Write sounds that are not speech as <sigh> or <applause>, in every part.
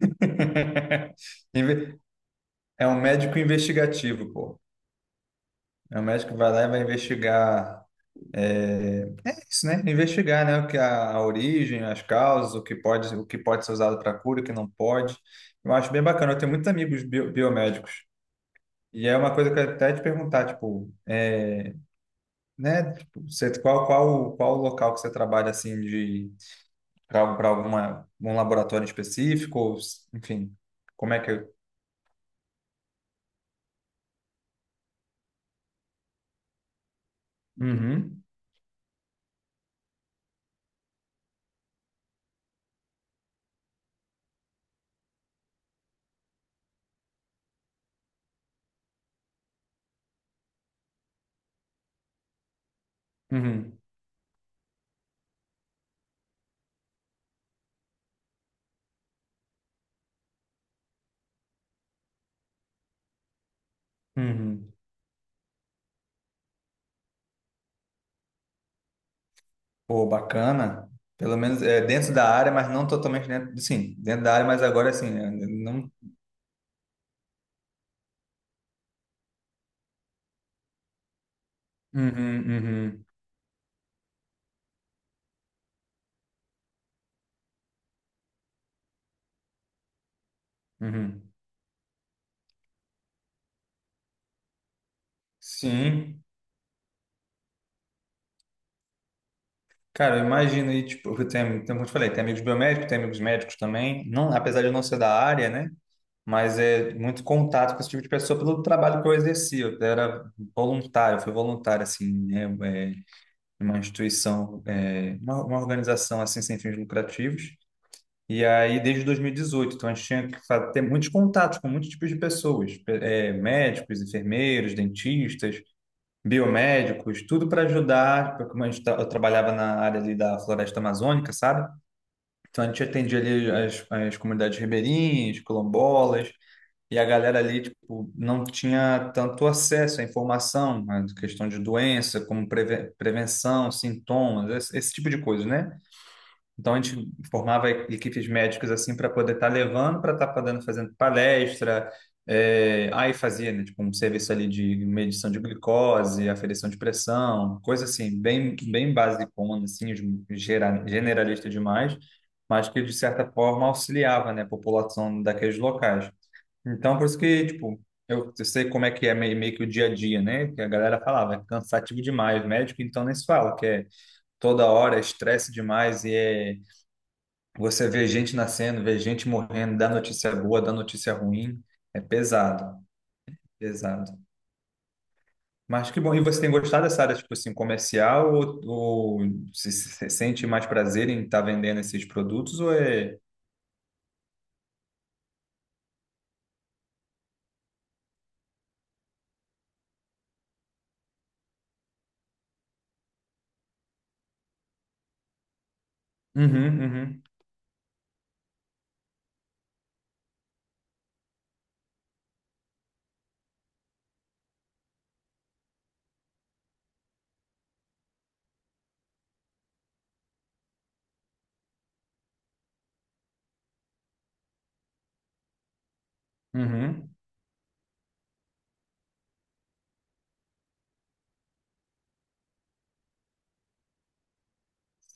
<laughs> Inve- É um médico investigativo, pô. É um médico que vai lá e vai investigar é isso, né? Investigar, né? O que é a origem, as causas, o que pode ser usado para cura, o que não pode. Eu acho bem bacana. Eu tenho muitos amigos biomédicos. E é uma coisa que eu ia até te perguntar, tipo, é, né? Tipo, você, qual, qual, qual o local que você trabalha assim de para alguma um laboratório específico, ou, enfim, como é que? É? Uhum, uhum, uhum. Pô, bacana. Pelo menos é, dentro da área, mas não totalmente dentro. Sim, dentro da área, mas agora assim né? Não. Uhum, uhum, uhum. Sim. Cara, eu imagino aí, tipo, eu tenho, tem, como eu te falei, tem amigos biomédicos, tem amigos médicos também. Não, apesar de eu não ser da área, né? Mas é muito contato com esse tipo de pessoa pelo trabalho que eu exerci. Eu era voluntário, eu fui voluntário, assim, né? É, em uma instituição, é, uma organização, assim, sem fins lucrativos. E aí, desde 2018, então a gente tinha que ter muitos contatos com muitos tipos de pessoas, médicos, enfermeiros, dentistas, biomédicos, tudo para ajudar, porque como a gente, eu trabalhava na área ali da floresta amazônica, sabe? Então a gente atendia ali as comunidades ribeirinhas, quilombolas, e a galera ali, tipo, não tinha tanto acesso à informação, né, de questão de doença, como prevenção, sintomas, esse tipo de coisa, né? Então a gente formava equipes médicas assim para poder estar levando, para estar podendo fazendo palestra. É, aí fazia, né, tipo, um serviço ali de medição de glicose, aferição de pressão, coisa assim, bem, bem basicona, assim, generalista demais, mas que de certa forma auxiliava, né, a população daqueles locais. Então, por isso que, tipo, eu sei como é que é meio, meio que o dia a dia, né, que a galera falava, é cansativo demais, médico então nem se fala, que é toda hora, é estresse demais e é você vê gente nascendo, vê gente morrendo, dá notícia boa, dá notícia ruim. É pesado, pesado. Mas que bom. E você tem gostado dessa área, tipo assim, comercial? Ou se, se sente mais prazer em estar vendendo esses produtos? Ou é. Uhum, uhum, uhum.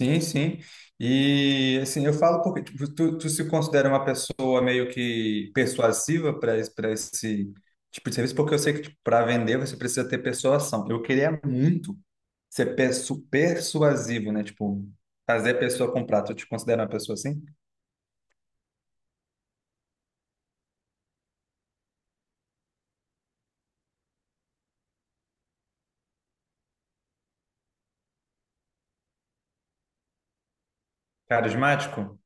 Sim, sim. E assim, eu falo porque tipo, tu, tu se considera uma pessoa meio que persuasiva para esse tipo de serviço, porque eu sei que para vender você precisa ter persuasão. Eu queria muito ser persuasivo, né? Tipo, fazer a pessoa comprar. Tu te considera uma pessoa assim? Carismático?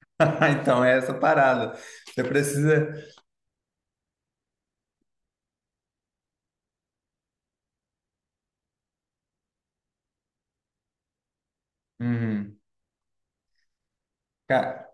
<laughs> Então é essa parada. Você precisa. Uhum. Ca-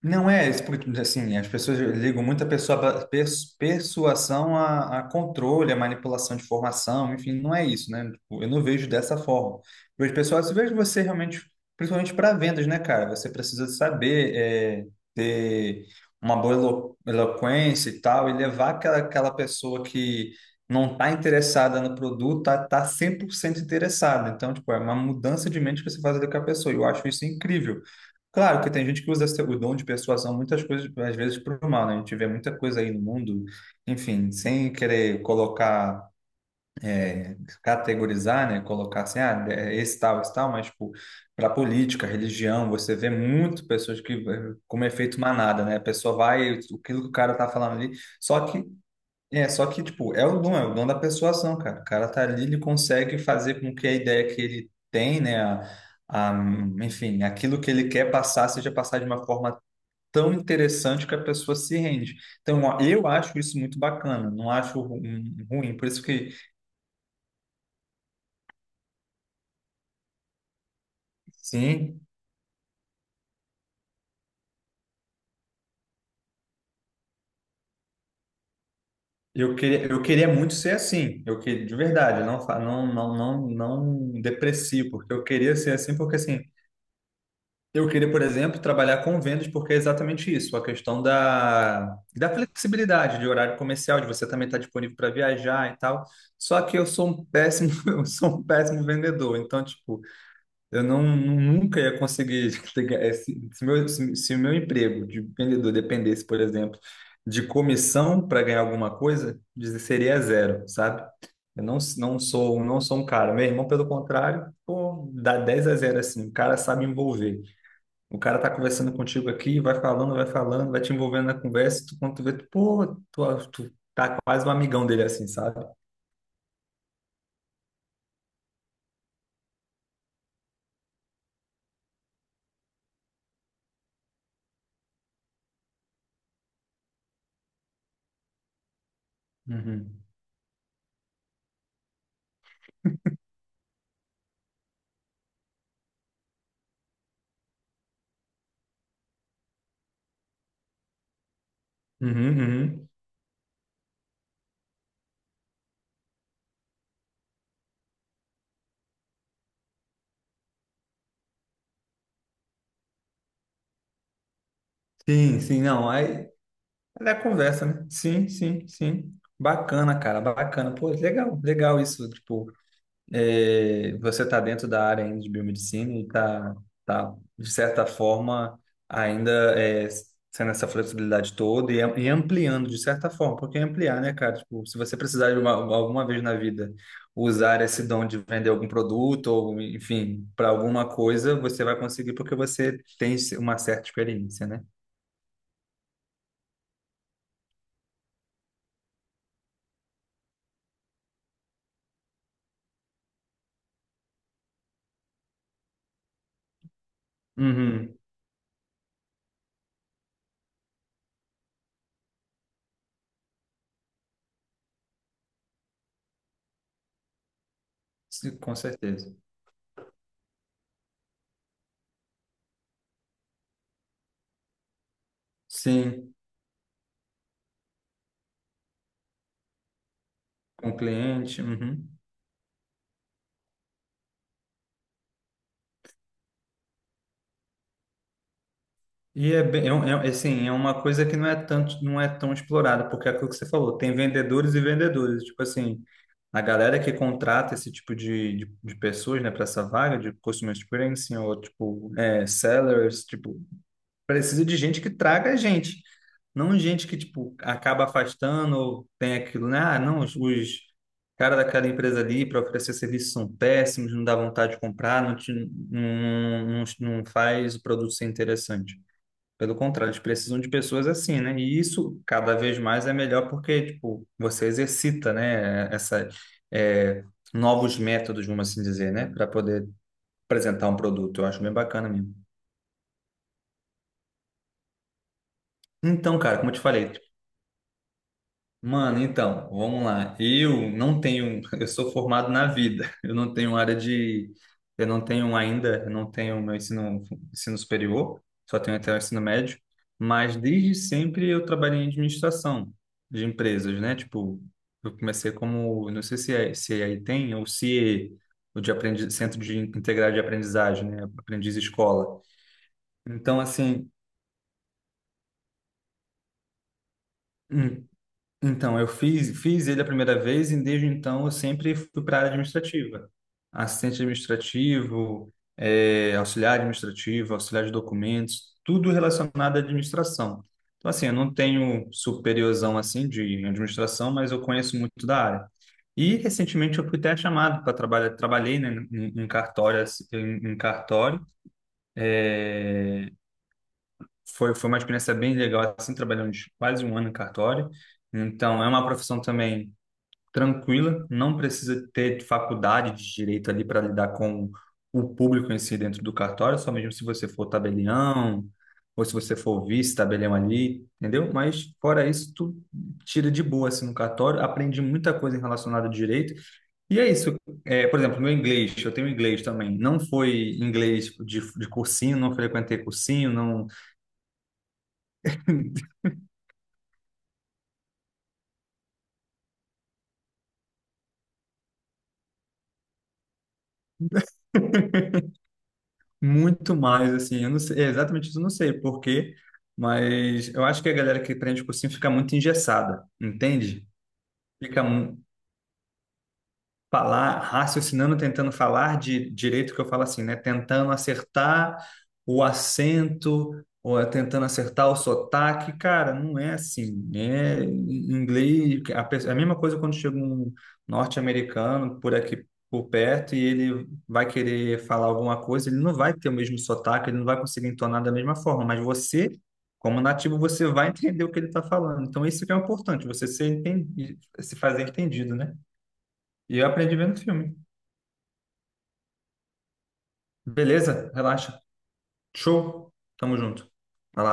Não é, isso porque, assim, as pessoas ligam muito a pessoa, persuasão a controle, a manipulação de informação, enfim, não é isso, né? Tipo, eu não vejo dessa forma. Eu vejo, pessoal, se vejo você realmente, principalmente para vendas, né, cara? Você precisa saber é, ter uma boa eloquência e tal, e levar aquela, aquela pessoa que não está interessada no produto, tá, tá 100% interessada. Então, tipo, é uma mudança de mente que você faz ali com a pessoa, e eu acho isso incrível. Claro que tem gente que usa o dom de persuasão muitas coisas, às vezes, para o mal, né? A gente vê muita coisa aí no mundo, enfim, sem querer colocar, é, categorizar, né? Colocar assim, ah, é esse tal, mas, tipo, para política, religião, você vê muito pessoas que, eh, como efeito manada, né? A pessoa vai, aquilo que o cara tá falando ali, só que é, só que, tipo, é o dom da persuasão, cara. O cara tá ali, ele consegue fazer com que a ideia que ele tem, né, a, a- enfim, aquilo que ele quer passar seja passar de uma forma tão interessante que a pessoa se rende. Então, ó, eu acho isso muito bacana, não acho ruim. Por isso que, sim, eu queria muito ser assim. Eu queria, de verdade, eu não, não, não, não, não deprecio, porque eu queria ser assim, porque assim. Eu queria, por exemplo, trabalhar com vendas porque é exatamente isso, a questão da, da flexibilidade de horário comercial, de você também estar disponível para viajar e tal. Só que eu sou um péssimo, <laughs> eu sou um péssimo vendedor, então, tipo, eu não, nunca ia conseguir <laughs> pegar se meu, se o meu emprego de vendedor dependesse, por exemplo, de comissão para ganhar alguma coisa, dizer seria zero, sabe? Eu não, não sou um cara. Meu irmão, pelo contrário, pô, dá 10 a 0 assim, o cara sabe envolver. O cara tá conversando contigo aqui, vai falando, vai falando, vai te envolvendo na conversa, tu, quando tu vê, tu, pô, tu, tu tá quase um amigão dele assim, sabe? Uhum. Uhum, uhum. Sim, sim, não, aí é conversa, né? Sim, sim, sim. Bacana, cara, bacana. Pô, legal, legal isso, tipo, é, você está dentro da área ainda de biomedicina e está, tá, tá, de certa forma, ainda é, sendo essa flexibilidade toda e, e ampliando, de certa forma, porque ampliar, né, cara? Tipo, se você precisar de uma, alguma vez na vida usar esse dom de vender algum produto ou, enfim, para alguma coisa, você vai conseguir porque você tem uma certa experiência, né? Uhum. Sim, com certeza. Sim, com cliente. Uhum. E é bem, é, é, assim, é uma coisa que não é tanto, não é tão explorada, porque é aquilo que você falou, tem vendedores e vendedores, tipo assim, a galera que contrata esse tipo de pessoas, né, para essa vaga de customer experience ou tipo é, sellers, tipo, precisa de gente que traga gente, não gente que tipo acaba afastando ou tem aquilo, né? Ah, não, os cara daquela empresa ali para oferecer serviço são péssimos, não dá vontade de comprar, não, te, não, não, não faz o produto ser interessante. Pelo contrário, eles precisam de pessoas assim, né? E isso cada vez mais é melhor porque, tipo, você exercita, né? Essa, é, novos métodos, vamos assim dizer, né? Para poder apresentar um produto. Eu acho bem bacana mesmo. Então, cara, como eu te falei, mano, então, vamos lá. Eu não tenho, <laughs> eu sou formado na vida. Eu não tenho área de, eu não tenho ainda, eu não tenho meu ensino, ensino superior, só tenho até o ensino médio. Mas desde sempre eu trabalhei em administração de empresas, né? Tipo, eu comecei como, não sei se é, se é aí tem ou se é o de aprendiz, centro de integrado de aprendizagem, né? Aprendiz escola. Então, assim, hum, então, eu fiz, fiz ele a primeira vez e desde então eu sempre fui para a área administrativa. Assistente administrativo, eh, auxiliar administrativo, auxiliar de documentos, tudo relacionado à administração. Então, assim, eu não tenho superiorzão assim de administração, mas eu conheço muito da área. E recentemente eu fui até chamado para trabalhar, trabalhei, né, em, em cartório, assim, em, em cartório. Foi, foi uma experiência bem legal, assim, trabalhando quase 1 ano em cartório. Então, é uma profissão também tranquila, não precisa ter faculdade de direito ali para lidar com o público em si dentro do cartório, só mesmo se você for tabelião ou se você for vice-tabelião ali, entendeu? Mas fora isso, tu tira de boa assim no cartório, aprendi muita coisa relacionada ao direito. E é isso. É, por exemplo, meu inglês, eu tenho inglês também. Não foi inglês tipo, de cursinho, não frequentei cursinho, não. <laughs> Muito mais, assim, eu não sei, é, exatamente isso, eu não sei por quê, mas eu acho que a galera que prende cursinho fica muito engessada, entende? Fica, falar, raciocinando, tentando falar de direito que eu falo assim, né? Tentando acertar o acento, ou é tentando acertar o sotaque, cara, não é assim. É em inglês, a, a mesma coisa quando chega um norte-americano por aqui por perto e ele vai querer falar alguma coisa, ele não vai ter o mesmo sotaque, ele não vai conseguir entonar da mesma forma, mas você como nativo, você vai entender o que ele está falando. Então, isso que é o importante, você ser se fazer entendido, né? E eu aprendi vendo filme. Beleza? Relaxa. Show. Tamo junto. Vai lá.